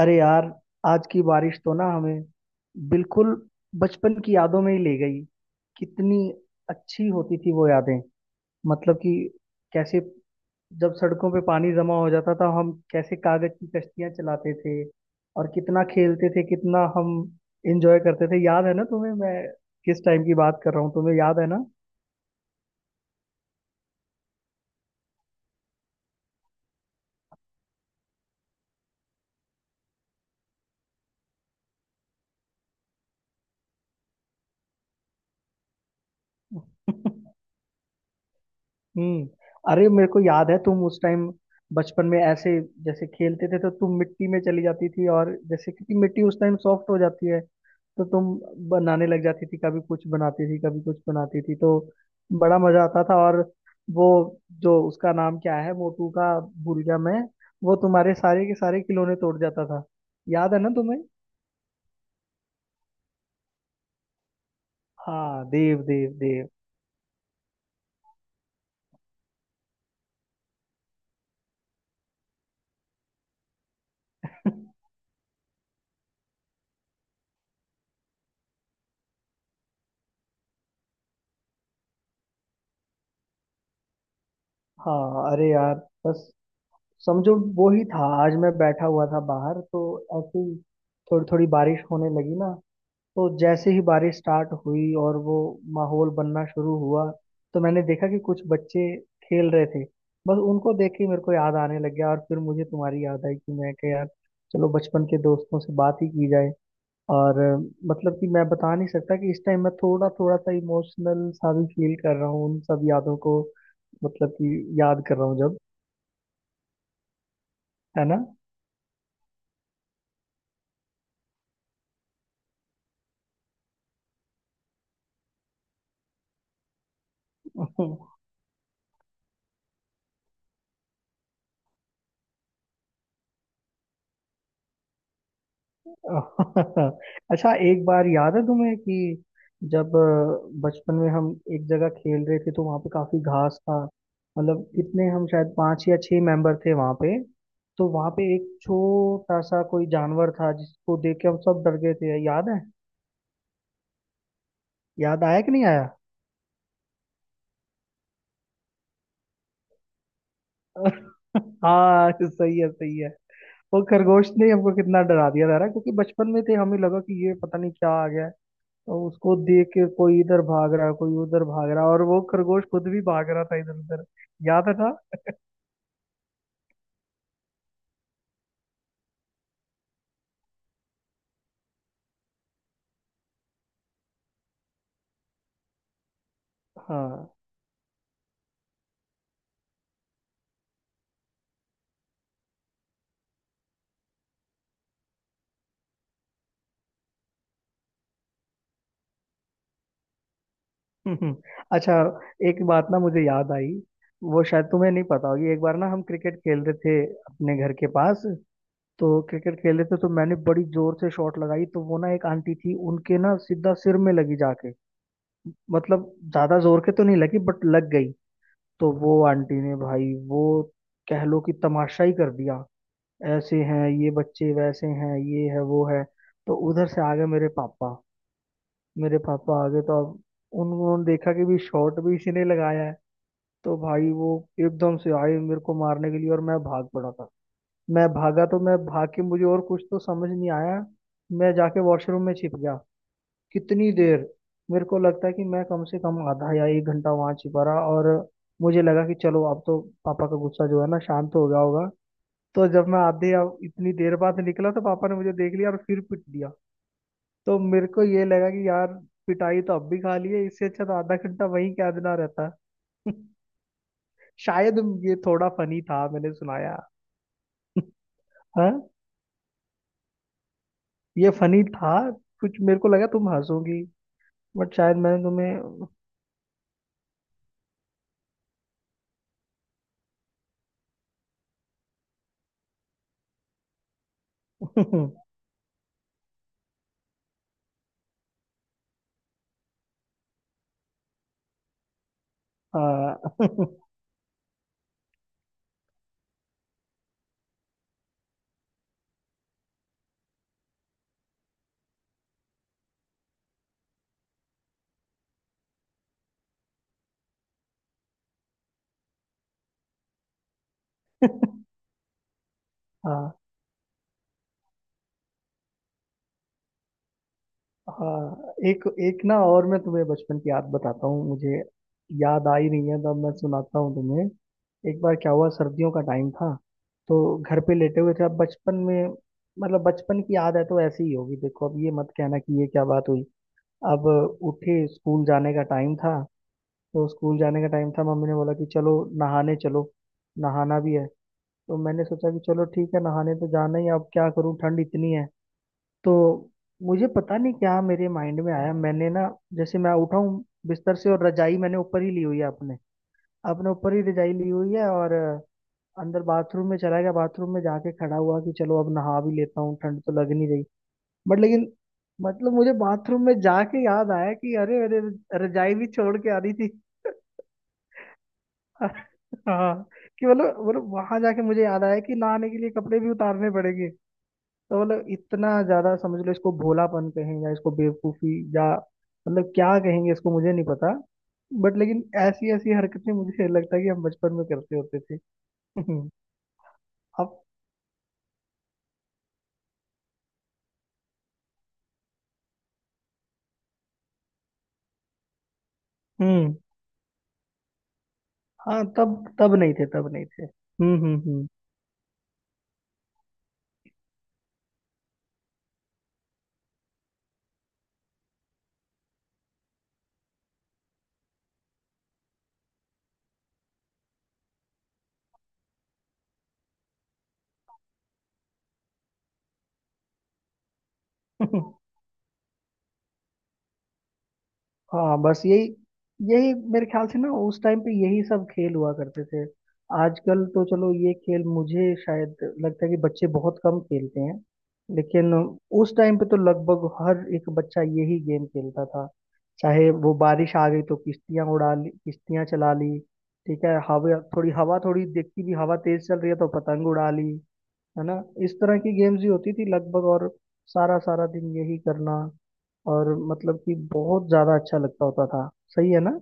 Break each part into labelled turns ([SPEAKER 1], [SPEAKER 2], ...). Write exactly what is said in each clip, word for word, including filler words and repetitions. [SPEAKER 1] अरे यार, आज की बारिश तो ना हमें बिल्कुल बचपन की यादों में ही ले गई। कितनी अच्छी होती थी वो यादें। मतलब कि कैसे जब सड़कों पे पानी जमा हो जाता था हम कैसे कागज की कश्तियां चलाते थे, और कितना खेलते थे, कितना हम एंजॉय करते थे। याद है ना तुम्हें मैं किस टाइम की बात कर रहा हूँ, तुम्हें याद है ना? हम्म। अरे मेरे को याद है तुम उस टाइम बचपन में ऐसे, जैसे खेलते थे तो तुम मिट्टी में चली जाती थी, और जैसे क्योंकि मिट्टी उस टाइम सॉफ्ट हो जाती है तो तुम बनाने लग जाती थी। कभी कुछ बनाती थी कभी कुछ बनाती थी, तो बड़ा मजा आता था। और वो, जो उसका नाम क्या है, मोटू का, भूल गया मैं। वो तुम्हारे सारे के सारे खिलौने तोड़ जाता था। याद है ना तुम्हें? हाँ देव, देव, देव। हाँ अरे यार, बस समझो वो ही था। आज मैं बैठा हुआ था बाहर तो ऐसे ही थोड़ी थोड़ी बारिश होने लगी ना। तो जैसे ही बारिश स्टार्ट हुई और वो माहौल बनना शुरू हुआ तो मैंने देखा कि कुछ बच्चे खेल रहे थे। बस उनको देख के मेरे को याद आने लग गया, और फिर मुझे तुम्हारी याद आई कि मैं कह, यार चलो बचपन के दोस्तों से बात ही की जाए। और अ, मतलब कि मैं बता नहीं सकता कि इस टाइम मैं थोड़ा थोड़ा सा इमोशनल सा भी फील कर रहा हूँ उन सब यादों को। मतलब कि याद कर रहा हूँ जब, है ना। अच्छा, एक बार याद है तुम्हें कि जब अ, बचपन में हम एक जगह खेल रहे थे तो वहां पे काफी घास था। मतलब कितने हम, शायद पांच या छह मेंबर थे वहां पे। तो वहां पे एक छोटा सा कोई जानवर था जिसको देख के हम सब डर गए थे, याद है? याद आया कि नहीं आया? हाँ, सही है, सही है। वो खरगोश ने हमको कितना डरा दिया था ना, क्योंकि बचपन में थे हमें लगा कि ये पता नहीं क्या आ गया है। तो उसको देख के कोई इधर भाग रहा, कोई उधर भाग रहा, और वो खरगोश खुद भी भाग रहा था इधर उधर। याद था? हाँ। अच्छा, एक बात ना मुझे याद आई, वो शायद तुम्हें नहीं पता होगी। एक बार ना हम क्रिकेट खेल रहे थे अपने घर के पास। तो क्रिकेट खेल रहे थे तो मैंने बड़ी जोर से शॉट लगाई, तो वो ना एक आंटी थी, उनके ना सीधा सिर में लगी जाके। मतलब ज्यादा जोर के तो नहीं लगी, बट लग गई। तो वो आंटी ने भाई वो, कह लो कि तमाशा ही कर दिया। ऐसे हैं ये बच्चे, वैसे हैं ये, है वो है। तो उधर से आ गए मेरे पापा। मेरे पापा आ गए तो अब उन्होंने देखा कि भी शॉट भी इसी ने लगाया है। तो भाई वो, एकदम से आए मेरे को मारने के लिए, और मैं भाग पड़ा था। मैं भागा तो मैं भाग के, मुझे और कुछ तो समझ नहीं आया, मैं जाके वॉशरूम में छिप गया। कितनी देर, मेरे को लगता है कि मैं कम से कम आधा या एक घंटा वहां छिपा रहा। और मुझे लगा कि चलो अब तो पापा का गुस्सा जो है ना शांत हो गया होगा। तो जब मैं आधे, अब इतनी देर बाद निकला, तो पापा ने मुझे देख लिया और फिर पीट दिया। तो मेरे को ये लगा कि यार, पिटाई तो अब भी खा ली है, इससे अच्छा तो आधा घंटा वहीं क्या देना रहता। शायद ये थोड़ा फनी था मैंने सुनाया। हाँ, ये फनी था, कुछ मेरे को लगा तुम हंसोगी, बट शायद मैंने तुम्हें। हाँ। हाँ, हाँ। एक एक ना, और मैं तुम्हें बचपन की याद बताता हूँ। मुझे याद आ ही नहीं है, तब मैं सुनाता हूँ तुम्हें। एक बार क्या हुआ, सर्दियों का टाइम था। तो घर पे लेटे हुए थे, अब बचपन में, मतलब बचपन की याद है तो ऐसी ही होगी, देखो अब ये मत कहना कि ये क्या बात हुई। अब उठे, स्कूल जाने का टाइम था। तो स्कूल जाने का टाइम था, मम्मी ने बोला कि चलो नहाने चलो, नहाना भी है। तो मैंने सोचा कि चलो ठीक है, नहाने तो जाना ही है, अब क्या करूँ, ठंड इतनी है। तो मुझे पता नहीं क्या मेरे माइंड में आया, मैंने ना जैसे मैं उठा हूँ बिस्तर से, और रजाई मैंने ऊपर ही ली हुई है अपने, अपने ऊपर ही रजाई ली हुई है, और अ, अंदर बाथरूम में चला गया। बाथरूम में जाके खड़ा हुआ कि चलो अब नहा भी लेता हूँ, ठंड तो लग नहीं रही। बट लेकिन, मतलब मुझे बाथरूम में जाके याद आया कि अरे अरे, रजाई भी छोड़ के आ रही थी। हाँ। कि मतलब मतलब वहां जाके मुझे याद आया कि नहाने के लिए कपड़े भी उतारने पड़ेंगे। तो मतलब इतना ज्यादा, समझ लो इसको भोलापन कहें या इसको बेवकूफी, या मतलब क्या कहेंगे इसको, मुझे नहीं पता। बट लेकिन ऐसी ऐसी हरकतें मुझे लगता है कि हम बचपन में करते होते थे। अब हम्म। हाँ तब, तब नहीं थे, तब नहीं थे। हम्म, हम्म, हम्म। हाँ, बस यही, यही मेरे ख्याल से ना उस टाइम पे यही सब खेल हुआ करते थे। आजकल तो चलो ये खेल मुझे शायद लगता है कि बच्चे बहुत कम खेलते हैं। लेकिन उस टाइम पे तो लगभग हर एक बच्चा यही गेम खेलता था। चाहे वो बारिश आ गई तो किश्तियां उड़ा ली, किश्तियां चला ली। ठीक है, हवा थोड़ी, हवा थोड़ी देखती भी, हवा तेज चल रही है तो पतंग उड़ा ली, है ना। इस तरह की गेम्स ही होती थी लगभग। और सारा सारा दिन यही करना, और मतलब कि बहुत ज्यादा अच्छा लगता होता था। सही है ना?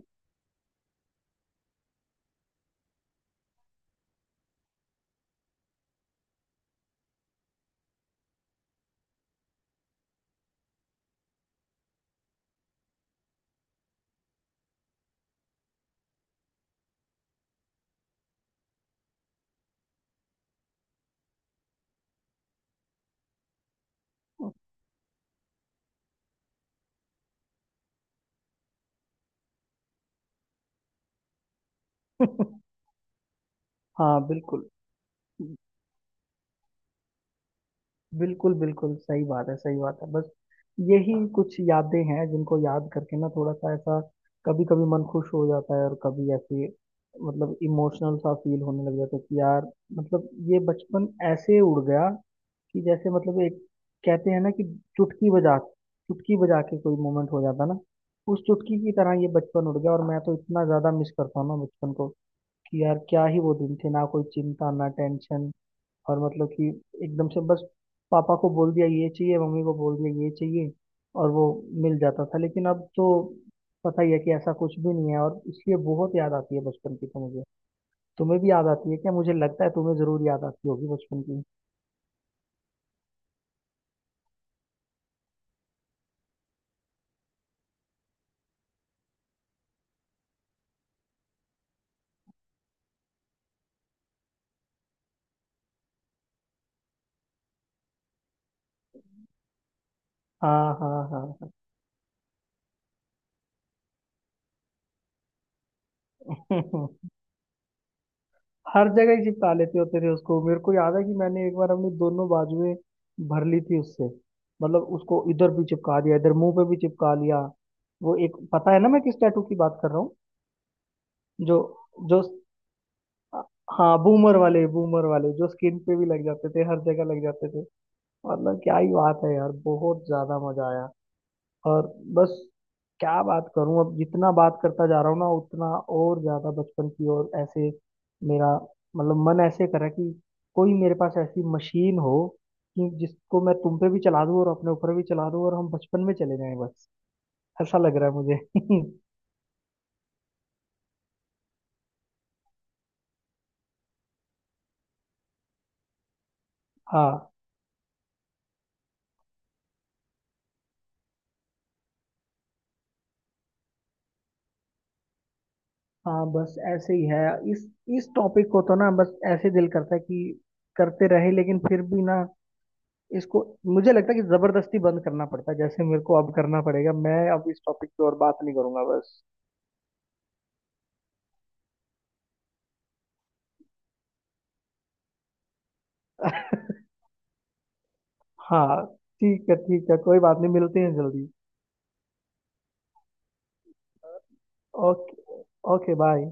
[SPEAKER 1] हाँ बिल्कुल, बिल्कुल, बिल्कुल सही बात है, सही बात है। बस यही कुछ यादें हैं जिनको याद करके ना थोड़ा सा ऐसा, कभी कभी मन खुश हो जाता है, और कभी ऐसे मतलब इमोशनल सा फील होने लग जाता है कि यार, मतलब ये बचपन ऐसे उड़ गया। कि जैसे मतलब एक, कहते हैं ना कि चुटकी बजा, चुटकी बजा के कोई मोमेंट हो जाता ना, उस चुटकी की तरह ये बचपन उड़ गया, और मैं तो इतना ज्यादा मिस करता हूँ ना बचपन को। कि यार क्या ही वो दिन थे ना, कोई चिंता ना टेंशन। और मतलब कि एकदम से बस पापा को बोल दिया ये चाहिए, मम्मी को बोल दिया ये चाहिए, और वो मिल जाता था। लेकिन अब तो पता ही है कि ऐसा कुछ भी नहीं है, और इसलिए बहुत याद आती है बचपन की तो मुझे। तुम्हें भी याद आती है क्या? मुझे लगता है तुम्हें जरूर याद आती होगी बचपन की। हाँ, हाँ, हाँ। हर जगह ही चिपका लेते हो तेरे उसको। मेरे को याद है कि मैंने एक बार अपनी दोनों बाजुएं भर ली थी उससे। मतलब उसको इधर भी चिपका दिया, इधर मुंह पे भी चिपका लिया। वो एक, पता है ना मैं किस टैटू की बात कर रहा हूँ? जो, जो, हाँ, बूमर वाले, बूमर वाले जो स्किन पे भी लग जाते थे, हर जगह लग जाते थे। मतलब क्या ही बात है यार, बहुत ज्यादा मजा आया। और बस, क्या बात करूं, अब जितना बात करता जा रहा हूँ ना उतना और ज्यादा बचपन की ओर ऐसे मेरा, मतलब मन ऐसे कर रहा है कि कोई मेरे पास ऐसी मशीन हो कि जिसको मैं तुम पे भी चला दूं और अपने ऊपर भी चला दूं, और हम बचपन में चले जाएं, बस ऐसा लग रहा है मुझे। हाँ, हाँ। बस ऐसे ही है। इस इस टॉपिक को तो ना बस ऐसे दिल करता है कि करते रहे, लेकिन फिर भी ना, इसको मुझे लगता है कि जबरदस्ती बंद करना पड़ता है, जैसे मेरे को अब करना पड़ेगा। मैं अब इस टॉपिक पे और बात नहीं करूंगा, बस। हाँ, ठीक है, ठीक है, कोई बात नहीं, मिलते हैं जल्दी। ओके। Okay bye.